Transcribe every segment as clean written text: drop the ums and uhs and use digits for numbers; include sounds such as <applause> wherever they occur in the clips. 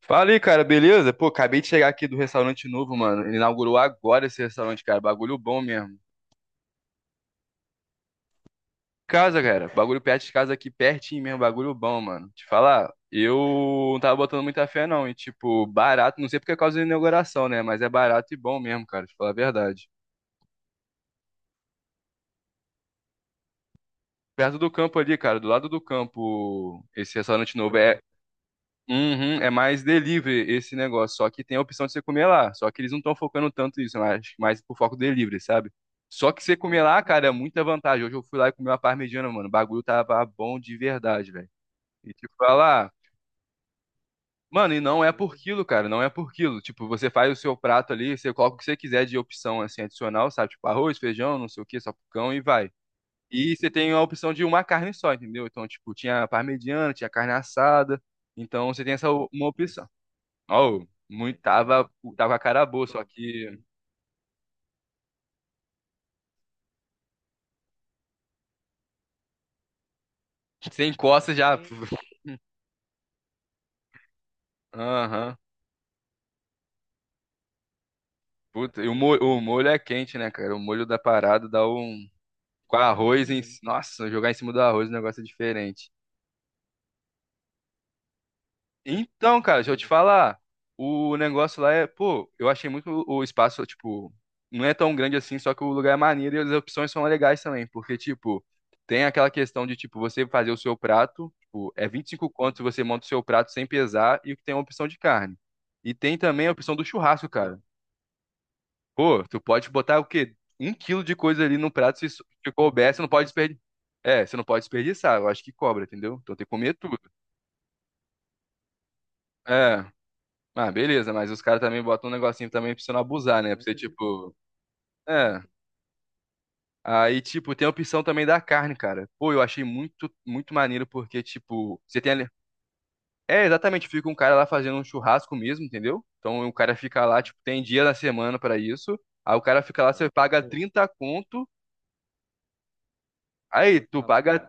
Fala aí, cara, beleza? Pô, acabei de chegar aqui do restaurante novo, mano. Ele inaugurou agora esse restaurante, cara. Bagulho bom mesmo. Casa, cara. Bagulho perto de casa aqui, pertinho mesmo. Bagulho bom, mano. Te falar, eu não tava botando muita fé, não. E, tipo, barato. Não sei porque é causa da inauguração, né? Mas é barato e bom mesmo, cara. Te falar a verdade. Perto do campo ali, cara. Do lado do campo, esse restaurante novo. É. Uhum, é mais delivery esse negócio, só que tem a opção de você comer lá. Só que eles não estão focando tanto nisso, mas acho que mais por foco delivery, sabe? Só que você comer lá, cara, é muita vantagem. Hoje eu fui lá e comi uma parmegiana, mano. O bagulho tava bom de verdade, velho. E tipo, falar, mano, e não é por quilo, cara, não é por quilo. Tipo, você faz o seu prato ali, você coloca o que você quiser de opção assim adicional, sabe? Tipo, arroz, feijão, não sei o que, salpicão e vai. E você tem a opção de uma carne só, entendeu? Então, tipo, tinha parmegiana, tinha carne assada. Então, você tem essa uma opção. Oh, muito, tava com a cara boa, só que sem encosta já. <laughs> Aham. Puta, e o molho é quente, né, cara? O molho da parada dá um. Com arroz em. Nossa, jogar em cima do arroz, o negócio é diferente. Então, cara, deixa eu te falar. O negócio lá é, pô, eu achei muito o espaço, tipo, não é tão grande assim, só que o lugar é maneiro e as opções são legais também, porque, tipo, tem aquela questão de, tipo, você fazer o seu prato, tipo, é 25 conto se você monta o seu prato sem pesar e tem a opção de carne. E tem também a opção do churrasco, cara. Pô, tu pode botar o quê? Um quilo de coisa ali no prato, se couber, você não pode desperdiçar. É, você não pode desperdiçar, eu acho que cobra, entendeu? Então tem que comer tudo. É. Ah, beleza, mas os caras também botam um negocinho também pra você não abusar, né? Pra você, tipo. É. Aí, tipo, tem a opção também da carne, cara. Pô, eu achei muito, muito maneiro, porque, tipo, você tem ali. É, exatamente, fica um cara lá fazendo um churrasco mesmo, entendeu? Então o cara fica lá, tipo, tem dia da semana pra isso. Aí o cara fica lá, você paga 30 conto. Aí, tu paga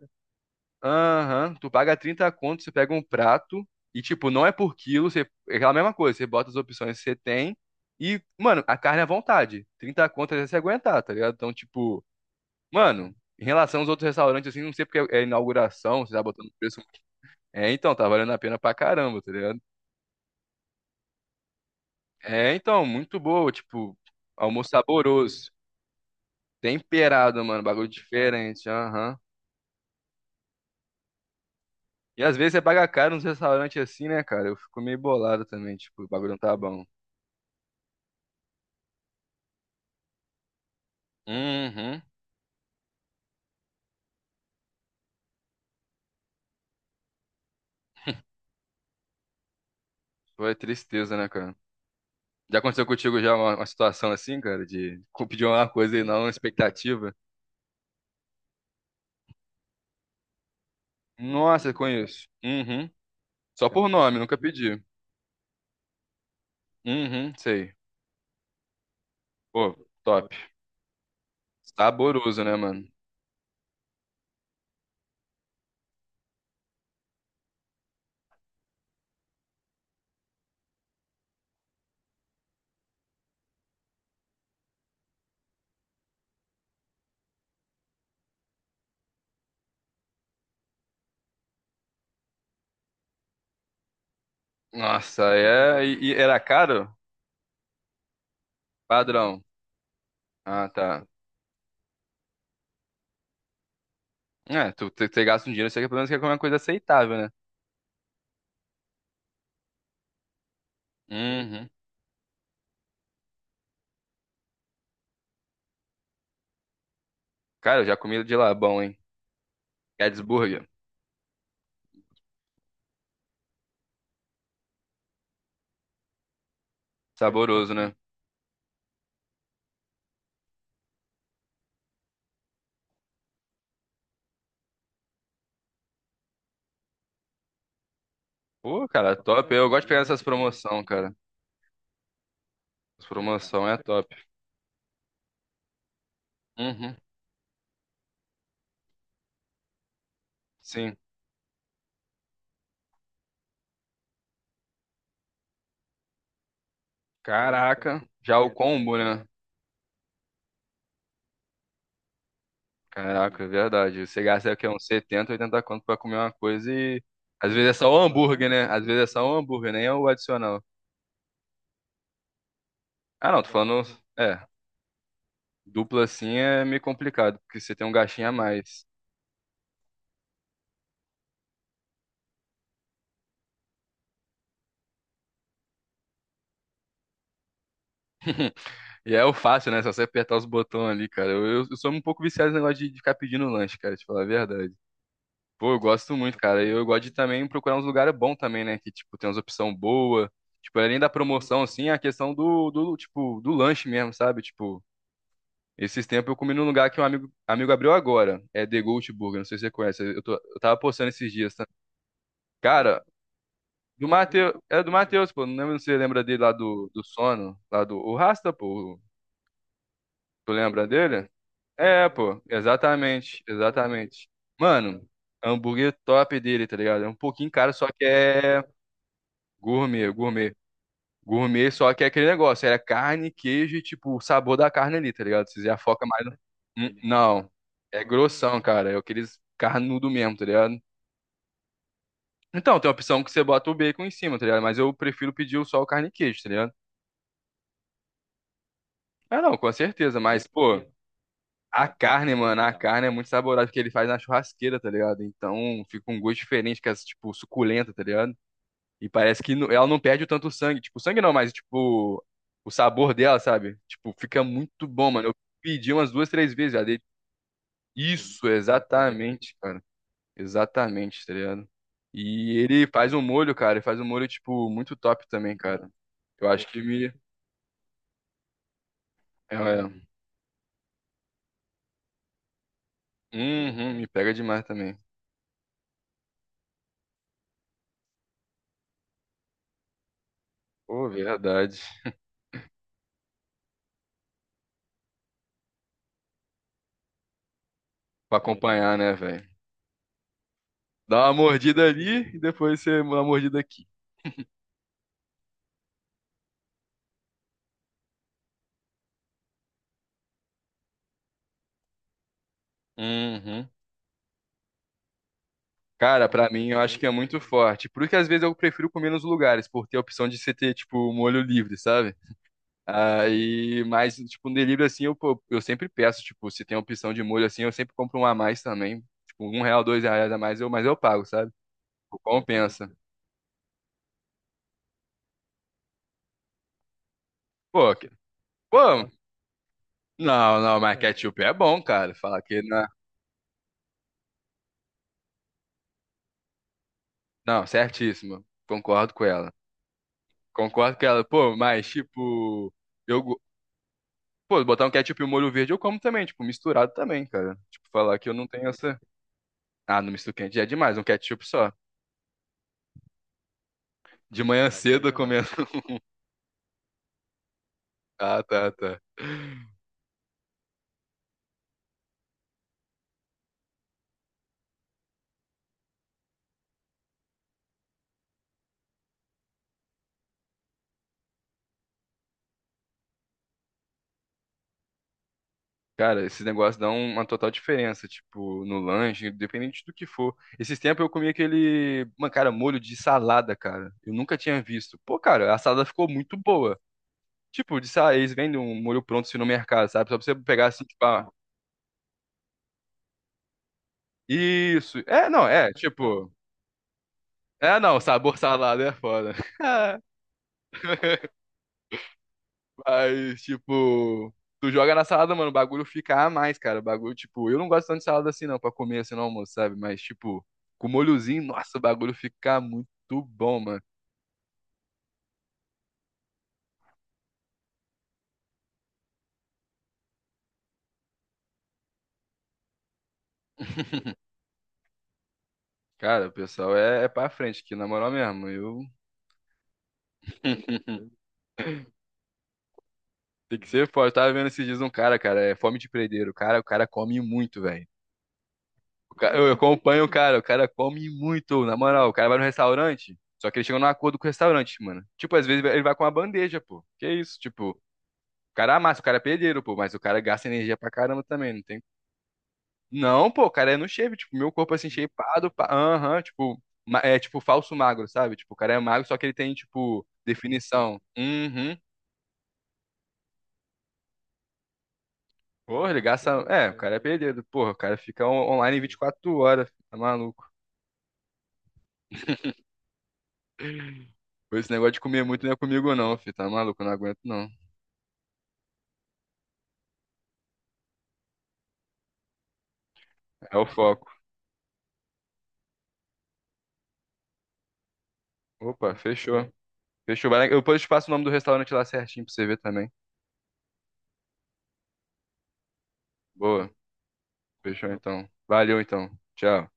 Aham, tu paga 30 conto, você pega um prato e, tipo, não é por quilo, você, é aquela mesma coisa, você bota as opções que você tem e, mano, a carne é à vontade. 30 conto é você aguentar, tá ligado? Então, tipo, mano, em relação aos outros restaurantes, assim, não sei porque é inauguração, você tá botando preço. É, então, tá valendo a pena pra caramba, tá ligado? É, então, muito boa, tipo, almoço saboroso, temperado, mano, bagulho diferente, aham. E às vezes você paga caro nos restaurantes assim, né, cara? Eu fico meio bolado também, tipo, o bagulho não tá bom. Uhum. Foi tristeza, né, cara? Já aconteceu contigo já uma situação assim, cara, de pedir uma coisa e não uma expectativa? Nossa, conheço. Uhum. Só por nome, nunca pedi. Uhum, sei. Pô, top. Saboroso, né, mano? Nossa, é. E era caro? Padrão. Ah, tá. É, tu gasta um dinheiro, você quer pelo menos quer comer uma coisa aceitável, né? Uhum. Cara, eu já comi de lá, bom, hein? Gadsburger. Saboroso, né? Pô, cara, top. Eu gosto de pegar essas promoção, cara. As promoção é top. Uhum, sim. Caraca, já o combo, né? Caraca, é verdade. Você gasta o quê? Uns 70, 80 conto pra comer uma coisa e. Às vezes é só o hambúrguer, né? Às vezes é só o hambúrguer, nem é o adicional. Ah, não, tô falando. É, dupla assim é meio complicado, porque você tem um gastinho a mais. E é o fácil, né? É só você apertar os botões ali, cara. Eu sou um pouco viciado nesse negócio de ficar pedindo lanche, cara, te falar a verdade. Pô, eu gosto muito, cara. E eu gosto de também procurar uns lugares bons também, né? Que, tipo, tem umas opções boas. Tipo, além da promoção, assim, a questão do lanche mesmo, sabe? Tipo, esses tempos eu comi num lugar que um amigo, amigo abriu agora. É The Ghost Burger, não sei se você conhece. Eu tava postando esses dias, tá? Cara, do Matheus, é do Matheus, pô. Não lembro se você lembra dele lá do Sono, lá do... O Rasta, pô. Tu lembra dele? É, pô. Exatamente, exatamente. Mano... Hambúrguer top dele, tá ligado? É um pouquinho caro, só que é gourmet, gourmet. Gourmet, só que é aquele negócio, era carne, queijo e, tipo, o sabor da carne ali, tá ligado? Vocês já focam mais. No- não, é grossão, cara. É aqueles carnudo mesmo, tá ligado? Então, tem a opção que você bota o bacon em cima, tá ligado? Mas eu prefiro pedir o só o carne e queijo, tá ligado? Ah, não, com certeza, mas, pô, a carne, mano, a carne é muito saborosa porque ele faz na churrasqueira, tá ligado? Então, fica um gosto diferente, que é, tipo, suculenta, tá ligado? E parece que ela não perde tanto sangue. Tipo, sangue não, mas tipo, o sabor dela, sabe? Tipo, fica muito bom, mano. Eu pedi umas duas, três vezes já dele. Isso, exatamente, cara. Exatamente, tá ligado? E ele faz um molho, cara. Ele faz um molho, tipo, muito top também, cara. Eu acho que me. É, é. Uhum, me pega demais também. Pô, verdade. Pra acompanhar, né, velho? Dá uma mordida ali e depois você dá uma mordida aqui. Uhum. Cara, pra mim eu acho que é muito forte. Por isso que às vezes eu prefiro comer nos lugares, por ter a opção de você ter, tipo, molho livre, sabe? Aí, mas, tipo, no delivery assim, pô, eu sempre peço, tipo, se tem opção de molho assim, eu sempre compro um a mais também. Tipo, R$ 1, R$ 2 a mais, mas eu pago, sabe? Tipo, compensa. Pô, que- pô, não, não, mas ketchup é bom, cara. Falar que não. Não, certíssimo. Concordo com ela. Concordo com ela. Pô, mas, tipo. Eu, Pô, botar um ketchup e um molho verde eu como também, tipo, misturado também, cara. Tipo, falar que eu não tenho essa. Ah, no misto quente já é demais, um ketchup só. De manhã cedo eu comendo. <laughs> Ah, tá, tá. Cara, esses negócios dão uma total diferença, tipo, no lanche, independente do que for. Esses tempos eu comi aquele, mano, cara, molho de salada, cara. Eu nunca tinha visto. Pô, cara, a salada ficou muito boa. Tipo, eles vendem um molho pronto assim no mercado, sabe? Só pra você pegar assim, tipo, ah, isso. É, não, é, tipo. É, não, sabor salada é foda. <laughs> Mas, tipo, tu joga na salada, mano, o bagulho fica a mais, cara. O bagulho, tipo, eu não gosto tanto de salada assim, não, pra comer assim no almoço, sabe? Mas, tipo, com molhozinho, nossa, o bagulho fica muito bom, mano. <laughs> Cara, o pessoal é pra frente aqui, na moral mesmo. Eu. <laughs> Tem que ser forte. Eu tava vendo esses dias um cara, cara, é fome de prendeiro. O cara come muito, velho. Eu acompanho o cara come muito, na moral. O cara vai no restaurante, só que ele chega num acordo com o restaurante, mano. Tipo, às vezes ele vai com uma bandeja, pô. Que isso, tipo. O cara amassa, o cara é pedreiro, pô, mas o cara gasta energia pra caramba também, não tem. Não, pô, o cara é no shape, tipo, meu corpo assim, shapeado, pá, aham, tipo, é tipo falso magro, sabe? Tipo, o cara é magro, só que ele tem, tipo, definição. Uhum. Porra, ele gasta. É, o cara é pedreiro, porra, o cara fica online 24 horas, filho, tá maluco. Pô, esse negócio de comer muito não é comigo, não, filho, tá maluco, eu não aguento, não. É o foco. Opa, fechou. Fechou, eu depois te passo o nome do restaurante lá certinho pra você ver também. Boa, fechou então. Valeu então. Tchau.